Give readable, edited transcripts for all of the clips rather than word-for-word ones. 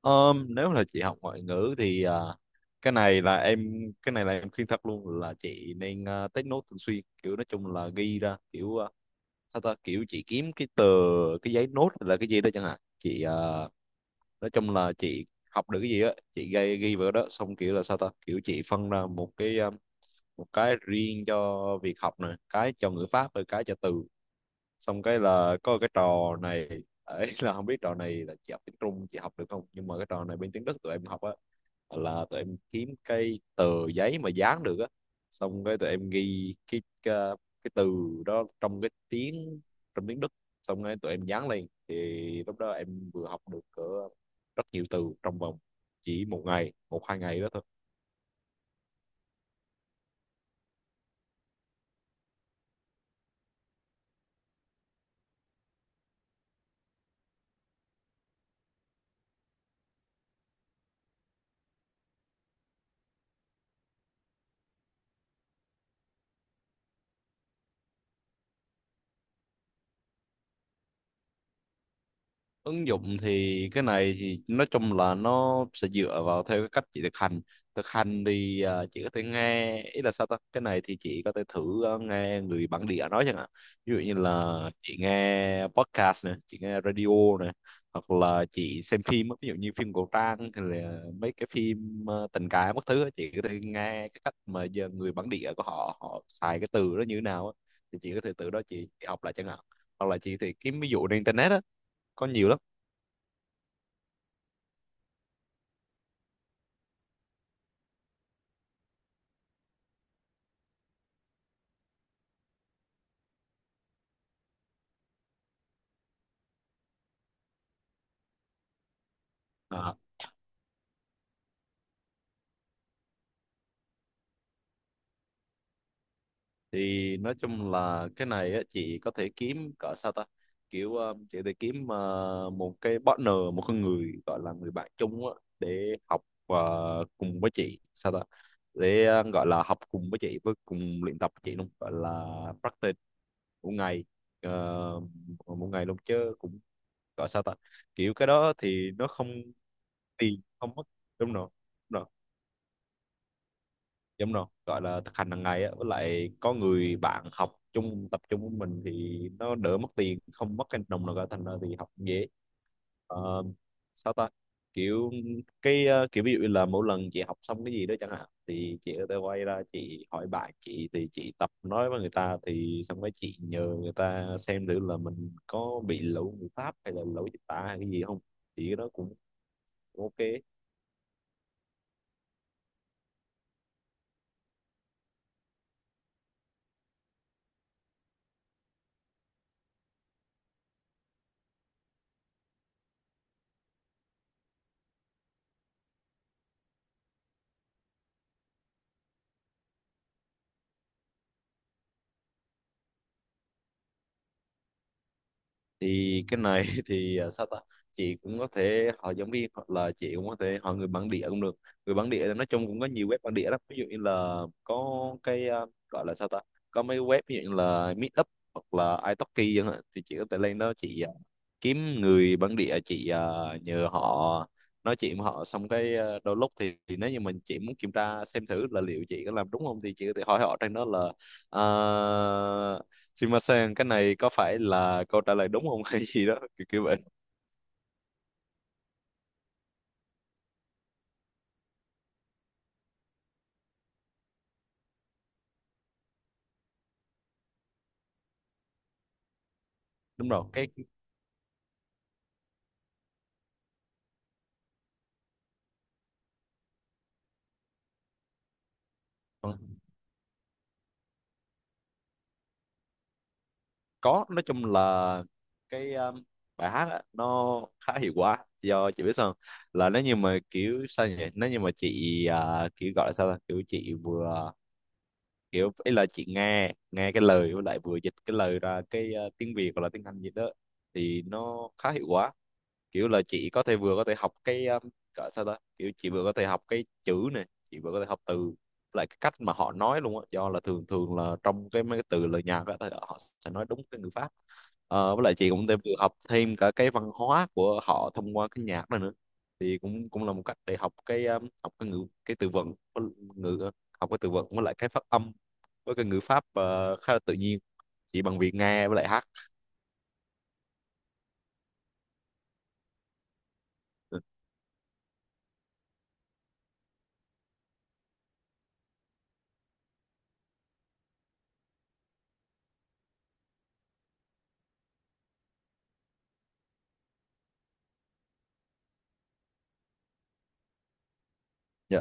Nếu là chị học ngoại ngữ thì cái này là em khuyên thật luôn là chị nên take note thường xuyên, kiểu nói chung là ghi ra, kiểu sao ta, kiểu chị kiếm cái tờ cái giấy nốt hay là cái gì đó chẳng hạn, chị nói chung là chị học được cái gì á, chị ghi ghi vào đó, xong kiểu là sao ta, kiểu chị phân ra một cái, một cái riêng cho việc học này, cái cho ngữ pháp, rồi cái cho từ, xong cái là có cái trò này ấy, là không biết trò này là chị học tiếng Trung chị học được không, nhưng mà cái trò này bên tiếng Đức tụi em học á, là tụi em kiếm cái tờ giấy mà dán được á, xong cái tụi em ghi cái từ đó trong cái tiếng trong tiếng Đức, xong cái tụi em dán lên, thì lúc đó em vừa học được cỡ rất nhiều từ trong vòng chỉ một ngày, một hai ngày đó thôi. Ứng dụng thì cái này thì nói chung là nó sẽ dựa vào theo cái cách chị thực hành. Thực hành thì chị có thể nghe, ý là sao ta, cái này thì chị có thể thử nghe người bản địa nói chẳng hạn. Ví dụ như là chị nghe podcast này, chị nghe radio này, hoặc là chị xem phim á, ví dụ như phim cổ trang hay là mấy cái phim tình cảm các thứ á, chị có thể nghe cái cách mà giờ người bản địa của họ họ xài cái từ đó như thế nào á. Thì chị có thể từ đó chị học lại chẳng hạn, hoặc là chị thì kiếm ví dụ trên internet á, có nhiều lắm. À, thì nói chung là cái này á, chị có thể kiếm cỡ sao ta, kiểu chị có thể kiếm một cái partner, một con người gọi là người bạn chung á, để học cùng với chị, sao ta, để gọi là học cùng với chị, với cùng luyện tập với chị luôn, gọi là practice một ngày, uh, một ngày luôn chứ, cũng gọi sao ta, kiểu cái đó thì nó không, tiền không mất. Đúng rồi, đúng rồi, gọi là thực hành hàng ngày á, với lại có người bạn học chung tập trung với mình thì nó đỡ, mất tiền không mất cái đồng nào cả, thành ra thì học cũng dễ. Ờ, Sao ta, kiểu cái, kiểu ví dụ như là mỗi lần chị học xong cái gì đó chẳng hạn, thì chị có thể quay ra chị hỏi bạn chị, thì chị tập nói với người ta, thì xong rồi chị nhờ người ta xem thử là mình có bị lỗi ngữ pháp hay là lỗi dịch tả hay cái gì không, thì cái đó cũng ok. Thì cái này thì sao ta, chị cũng có thể hỏi giáo viên hoặc là chị cũng có thể hỏi người bản địa cũng được. Người bản địa thì nói chung cũng có nhiều web bản địa lắm, ví dụ như là có cái, gọi là sao ta, có mấy web ví dụ như là Meetup hoặc là italki chẳng hạn, thì chị có thể lên đó chị kiếm người bản địa, chị nhờ họ nói chuyện với họ, xong cái đôi lúc thì nếu như chị muốn kiểm tra xem thử là liệu chị có làm đúng không, thì chị có thể hỏi họ trên đó là uh, Shimasen, cái này có phải là câu trả lời đúng không hay gì đó kiểu kiểu vậy. Đúng rồi, cái có, nói chung là cái, bài hát á, nó khá hiệu quả, do chị biết sao không? Là nếu như mà kiểu sao nhỉ, nếu như mà chị kiểu gọi là sao ta? Kiểu chị vừa, kiểu ý là chị nghe nghe cái lời, với lại vừa dịch cái lời ra cái, tiếng Việt hoặc là tiếng Anh gì đó, thì nó khá hiệu quả. Kiểu là chị có thể vừa có thể học cái, gọi sao đó, kiểu chị vừa có thể học cái chữ này, chị vừa có thể học từ lại cái cách mà họ nói luôn á, do là thường thường là trong cái mấy cái từ lời nhạc á thì họ sẽ nói đúng cái ngữ pháp. Với lại chị cũng thêm, vừa học thêm cả cái văn hóa của họ thông qua cái nhạc đó nữa, thì cũng cũng là một cách để học cái, học cái ngữ cái từ vựng với ngữ, học cái từ vựng với lại cái phát âm với cái ngữ pháp, khá là tự nhiên chỉ bằng việc nghe với lại hát. Ừ. Dạ.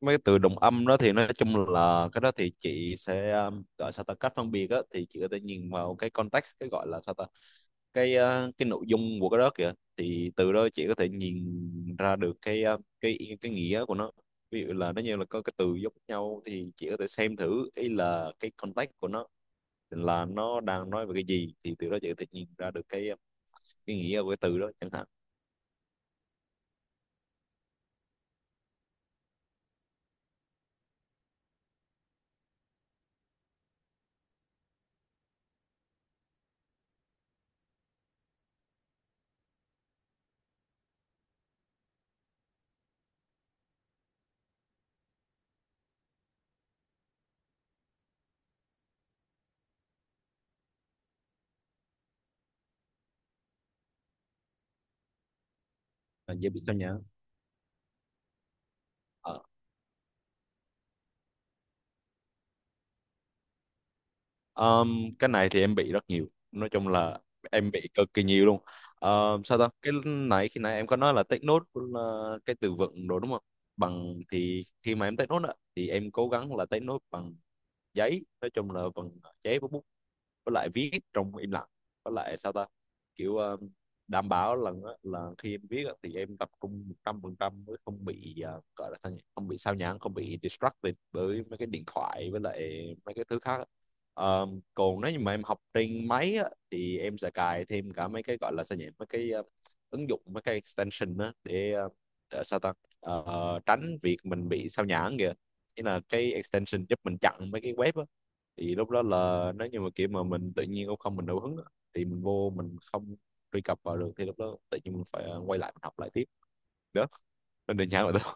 Mấy cái từ đồng âm đó thì nói chung là cái đó thì chị sẽ, gọi sao ta, cách phân biệt á thì chị có thể nhìn vào cái context, cái gọi là sao ta, cái, cái nội dung của cái đó kìa, thì từ đó chị có thể nhìn ra được cái, cái nghĩa của nó. Ví dụ là nó như là có cái từ giống nhau, thì chị có thể xem thử ý là cái context của nó là nó đang nói về cái gì, thì từ đó chị có thể nhìn ra được cái nghĩa của cái từ đó chẳng hạn. Là dễ bị sao nhá. Cái này thì em bị rất nhiều, nói chung là em bị cực kỳ nhiều luôn. Sao ta, cái nãy khi nãy em có nói là take note là cái từ vựng đồ đúng không, bằng thì khi mà em take note á, thì em cố gắng là take note bằng giấy, nói chung là bằng giấy và bút, với lại viết trong im lặng, với lại sao ta, kiểu đảm bảo lần là khi em viết á, thì em tập trung 100% mới không bị, gọi là sao nhỉ, không bị sao nhãng, không bị distracted bởi mấy cái điện thoại với lại mấy cái thứ khác á. Ờ, Còn nếu như mà em học trên máy á, thì em sẽ cài thêm cả mấy cái gọi là sao nhỉ, mấy cái, ứng dụng mấy cái extension á, để để sao ta, tránh việc mình bị sao nhãng kìa, nghĩa là cái extension giúp mình chặn mấy cái web, thì lúc đó là nếu như mà kiểu mà mình tự nhiên cũng không, mình đủ hứng á, thì mình vô mình không truy cập vào được, thì lúc đó tự nhiên mình phải quay lại mình học lại tiếp đó, nên đơn giản là thôi.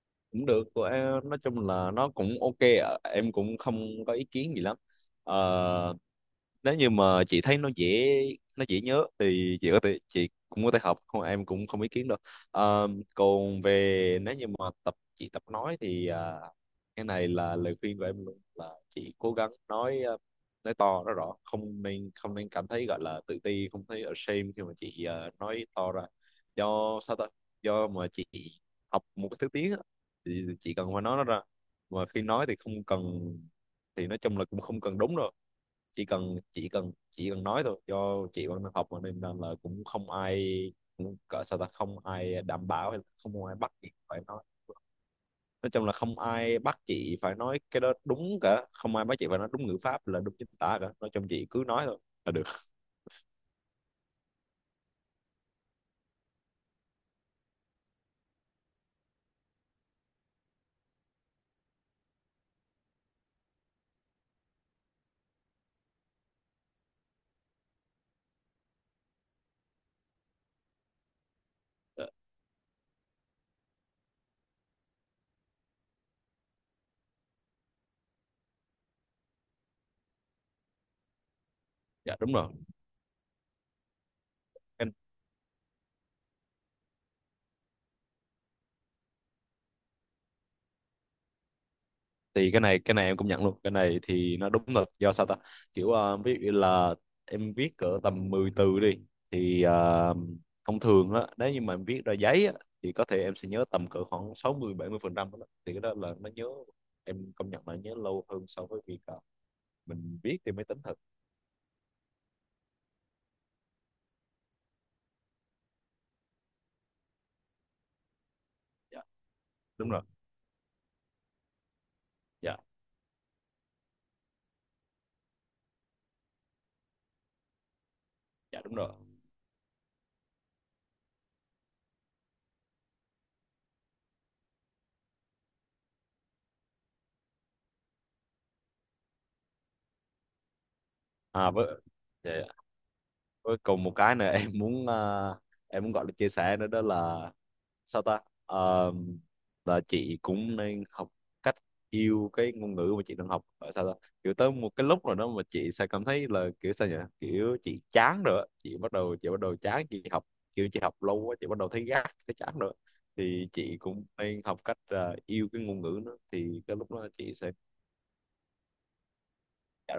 Cũng được của em, nói chung là nó cũng ok ạ. Em cũng không có ý kiến gì lắm. Ờ, nếu như mà chị thấy nó dễ, nhớ thì chị có thể, chị cũng có thể học không, em cũng không ý kiến đâu. Ờ, Còn về nếu như mà chị tập nói thì cái này là lời khuyên của em luôn, là chị cố gắng nói, nói to nói rõ, không nên cảm thấy gọi là tự ti, không thấy ashamed khi mà chị nói to ra, do sao ta, do mà chị học một cái thứ tiếng á, thì chị cần phải nói nó ra, mà khi nói thì không cần, thì nói chung là cũng không cần đúng đâu, chỉ cần nói thôi, do chị vẫn đang học mà, nên là cũng không ai, cũng cỡ sao ta, không ai đảm bảo hay là không ai bắt chị phải nói chung là không ai bắt chị phải nói cái đó đúng cả, không ai bắt chị phải nói đúng ngữ pháp là đúng chính tả cả, nói chung chị cứ nói thôi là được. Ờ, dạ đúng rồi, cái thì cái này, em cũng nhận luôn, cái này thì nó đúng thật, do sao ta, kiểu ví dụ như là em viết cỡ tầm 10 từ đi, thì thông thường á, nếu như mà em viết ra giấy á, thì có thể em sẽ nhớ tầm cỡ khoảng 60-70% đó, thì cái đó là nó nhớ, em công nhận là nhớ lâu hơn so với việc mình viết trên máy tính thật. Dạ đúng rồi. Dạ, dạ đúng rồi. À, với, dạ, dạ. Với cùng một cái nữa em muốn gọi là chia sẻ nữa, đó là sao ta. Ờ, là chị cũng nên học cách yêu cái ngôn ngữ mà chị đang học. Ờ, Sao ta, kiểu tới một cái lúc rồi đó mà chị sẽ cảm thấy là kiểu sao nhỉ, kiểu chị chán rồi á. Chị bắt đầu chán chị học, kiểu chị học lâu quá, chị bắt đầu thấy gắt thấy chán rồi á. Thì chị cũng nên học cách, yêu cái ngôn ngữ đó, thì cái lúc đó chị sẽ cảm.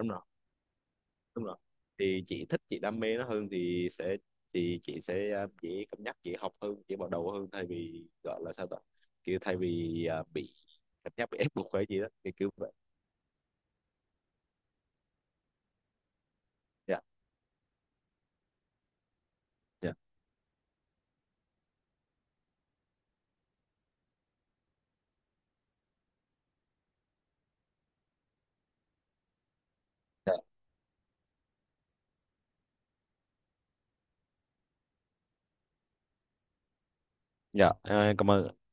Đúng rồi, thì chị thích chị đam mê nó hơn thì sẽ, thì chị sẽ dễ cân nhắc, dễ học hơn, dễ bắt đầu hơn thay vì gọi là sao ta, kiểu thay vì bị cảm giác bị ép buộc hay gì đó thì kiểu vậy. Dạ, dạ, dạ, dạ. Ờ, cảm ơn.